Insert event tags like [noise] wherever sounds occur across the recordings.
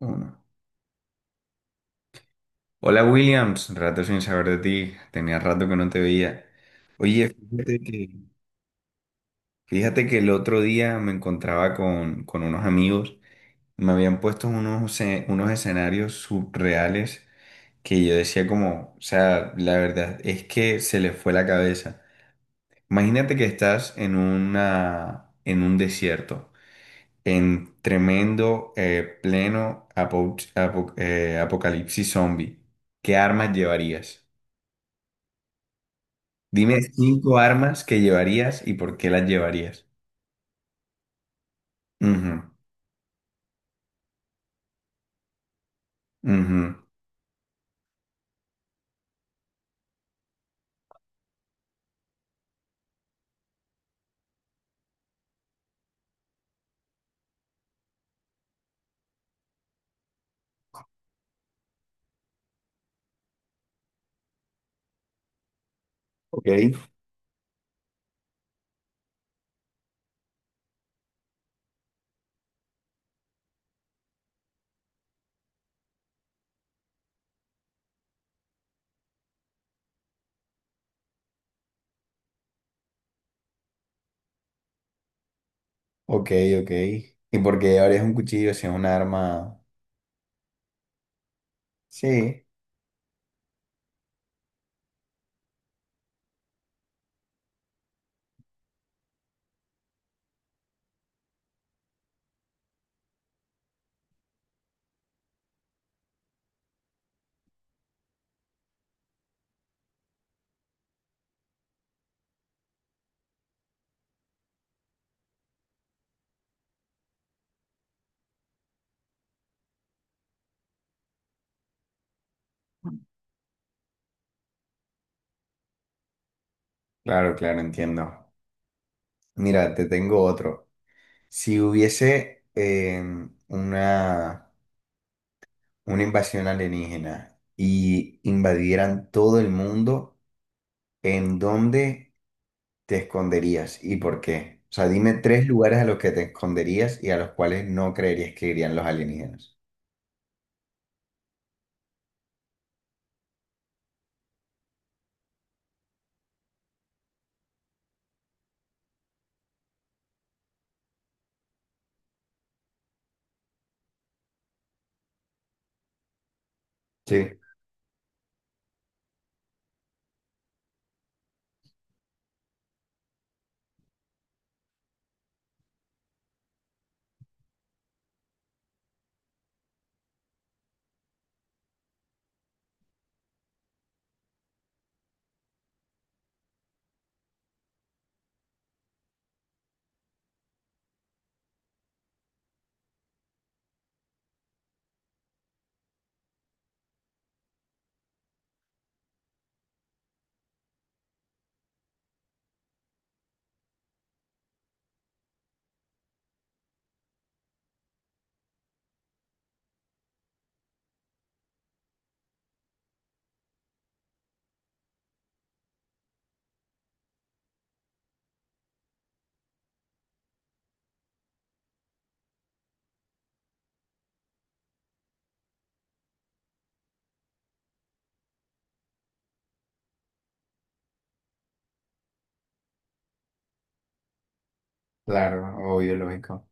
Uno. Hola Williams, rato sin saber de ti, tenía rato que no te veía. Oye, fíjate que el otro día me encontraba con unos amigos, me habían puesto unos escenarios surreales que yo decía como, o sea, la verdad es que se les fue la cabeza. Imagínate que estás en en un desierto, en tremendo, pleno apocalipsis zombie. ¿Qué armas llevarías? Dime 5 armas que llevarías y por qué las llevarías. Ujú, ujú. Ok, ok, ok. ¿Y por qué llevarías un cuchillo si es un arma? Sí, claro, claro, entiendo. Mira, te tengo otro. Si hubiese una, una invasión alienígena y invadieran todo el mundo, ¿en dónde te esconderías y por qué? O sea, dime 3 lugares a los que te esconderías y a los cuales no creerías que irían los alienígenas. Sí, claro, obvio, lógico.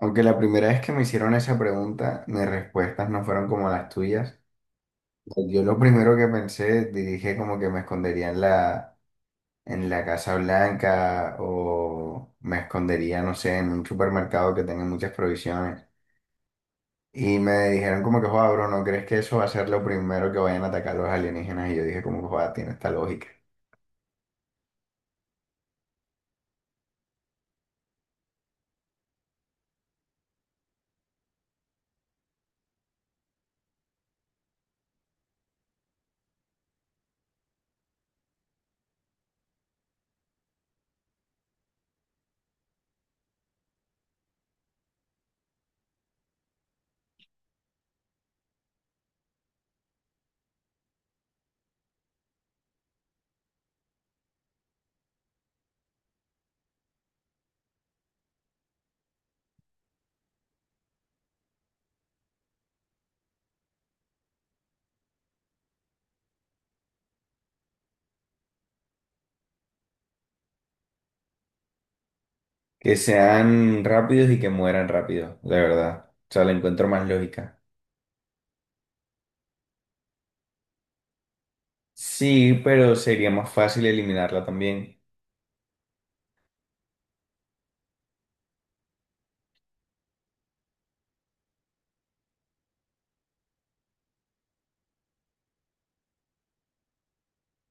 Aunque la primera vez que me hicieron esa pregunta, mis respuestas no fueron como las tuyas. Yo lo primero que pensé, dije como que me escondería en en la Casa Blanca o me escondería, no sé, en un supermercado que tenga muchas provisiones. Y me dijeron como que, joder, bro, ¿no crees que eso va a ser lo primero que vayan a atacar los alienígenas? Y yo dije como que, joder, tiene esta lógica. Que sean rápidos y que mueran rápido, de verdad. O sea, le encuentro más lógica. Sí, pero sería más fácil eliminarla también.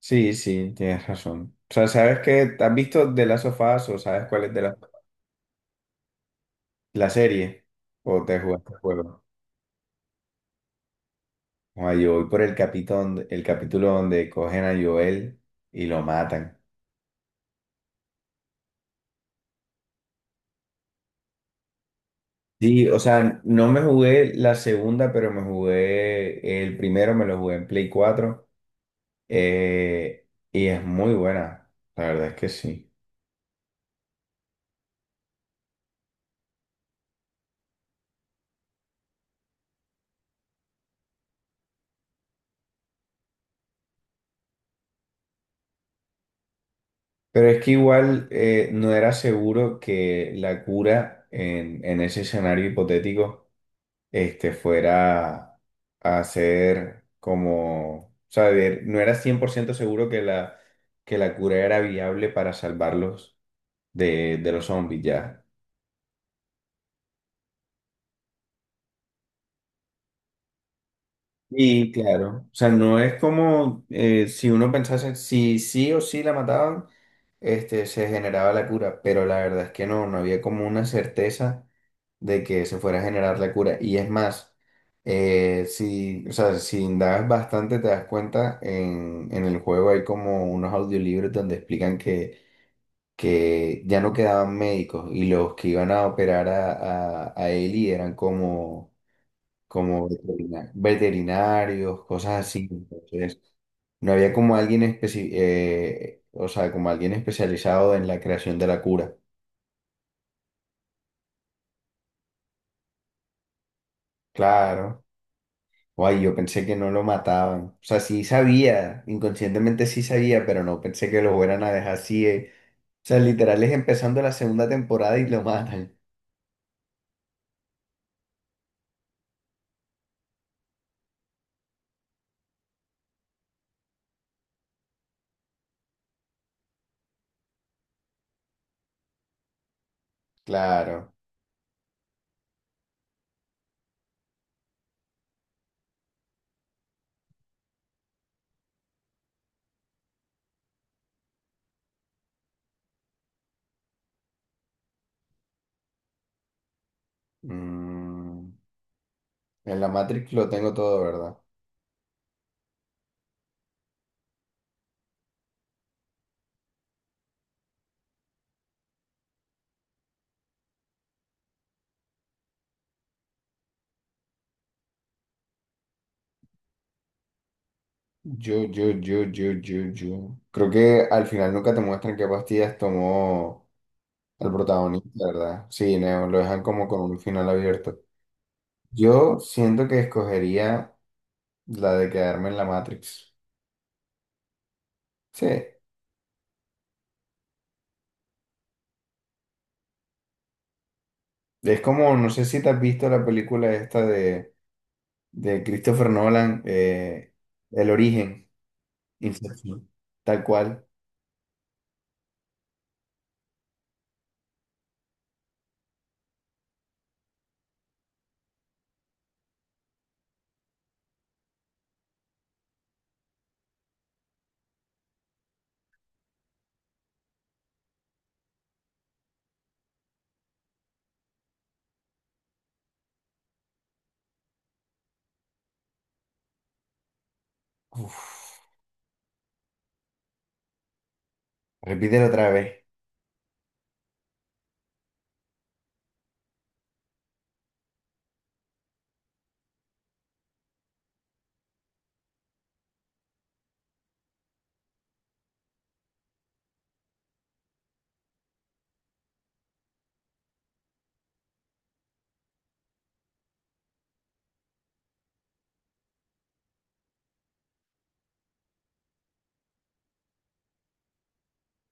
Sí, sí, tienes razón. O sea, ¿sabes qué? ¿Has visto The Last of Us o sabes cuál es de la serie? ¿O te jugaste el juego? O yo voy por el capítulo donde cogen a Joel y lo matan. Sí, o sea, no me jugué la segunda, pero me jugué el primero, me lo jugué en Play 4 y es muy buena. La verdad es que sí. Pero es que igual no era seguro que la cura en ese escenario hipotético este, fuera a ser como, o sea, no era 100% seguro que que la cura era viable para salvarlos de los zombies ya. Y claro, o sea, no es como si uno pensase si sí o sí la mataban, este, se generaba la cura, pero la verdad es que no, no había como una certeza de que se fuera a generar la cura. Y es más, si, o sea, si indagas bastante te das cuenta, en el juego hay como unos audiolibros donde explican que ya no quedaban médicos y los que iban a operar a Ellie eran como veterinarios, cosas así. Entonces, no había como alguien o sea, como alguien especializado en la creación de la cura. Claro. Ay, yo pensé que no lo mataban. O sea, sí sabía, inconscientemente sí sabía, pero no pensé que lo fueran a dejar así. O sea, literal es empezando la segunda temporada y lo [laughs] matan. Claro. Mm, en la Matrix lo tengo todo, ¿verdad? Yo. Creo que al final nunca te muestran qué pastillas tomó el protagonista, ¿verdad? Sí, Neo, lo dejan como con un final abierto. Yo siento que escogería la de quedarme en la Matrix. Sí. Es como, no sé si te has visto la película esta de Christopher Nolan, El Origen, Inception, tal cual. Repítelo otra vez.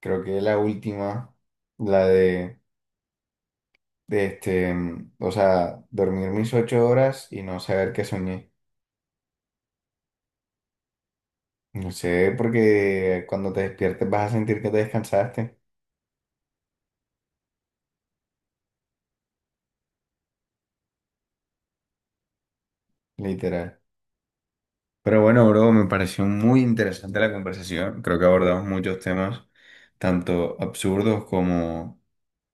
Creo que es la última, la de este, o sea, dormir mis 8 horas y no saber que soñé. No sé, porque cuando te despiertes vas a sentir que te descansaste, literal. Pero bueno, bro, me pareció muy interesante la conversación. Creo que abordamos muchos temas, tanto absurdos como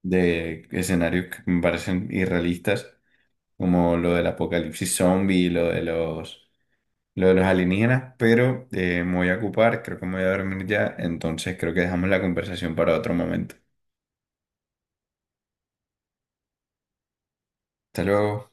de escenarios que me parecen irrealistas, como lo del apocalipsis zombie, lo de los alienígenas. Pero me voy a ocupar, creo que me voy a dormir ya, entonces creo que dejamos la conversación para otro momento. Hasta luego.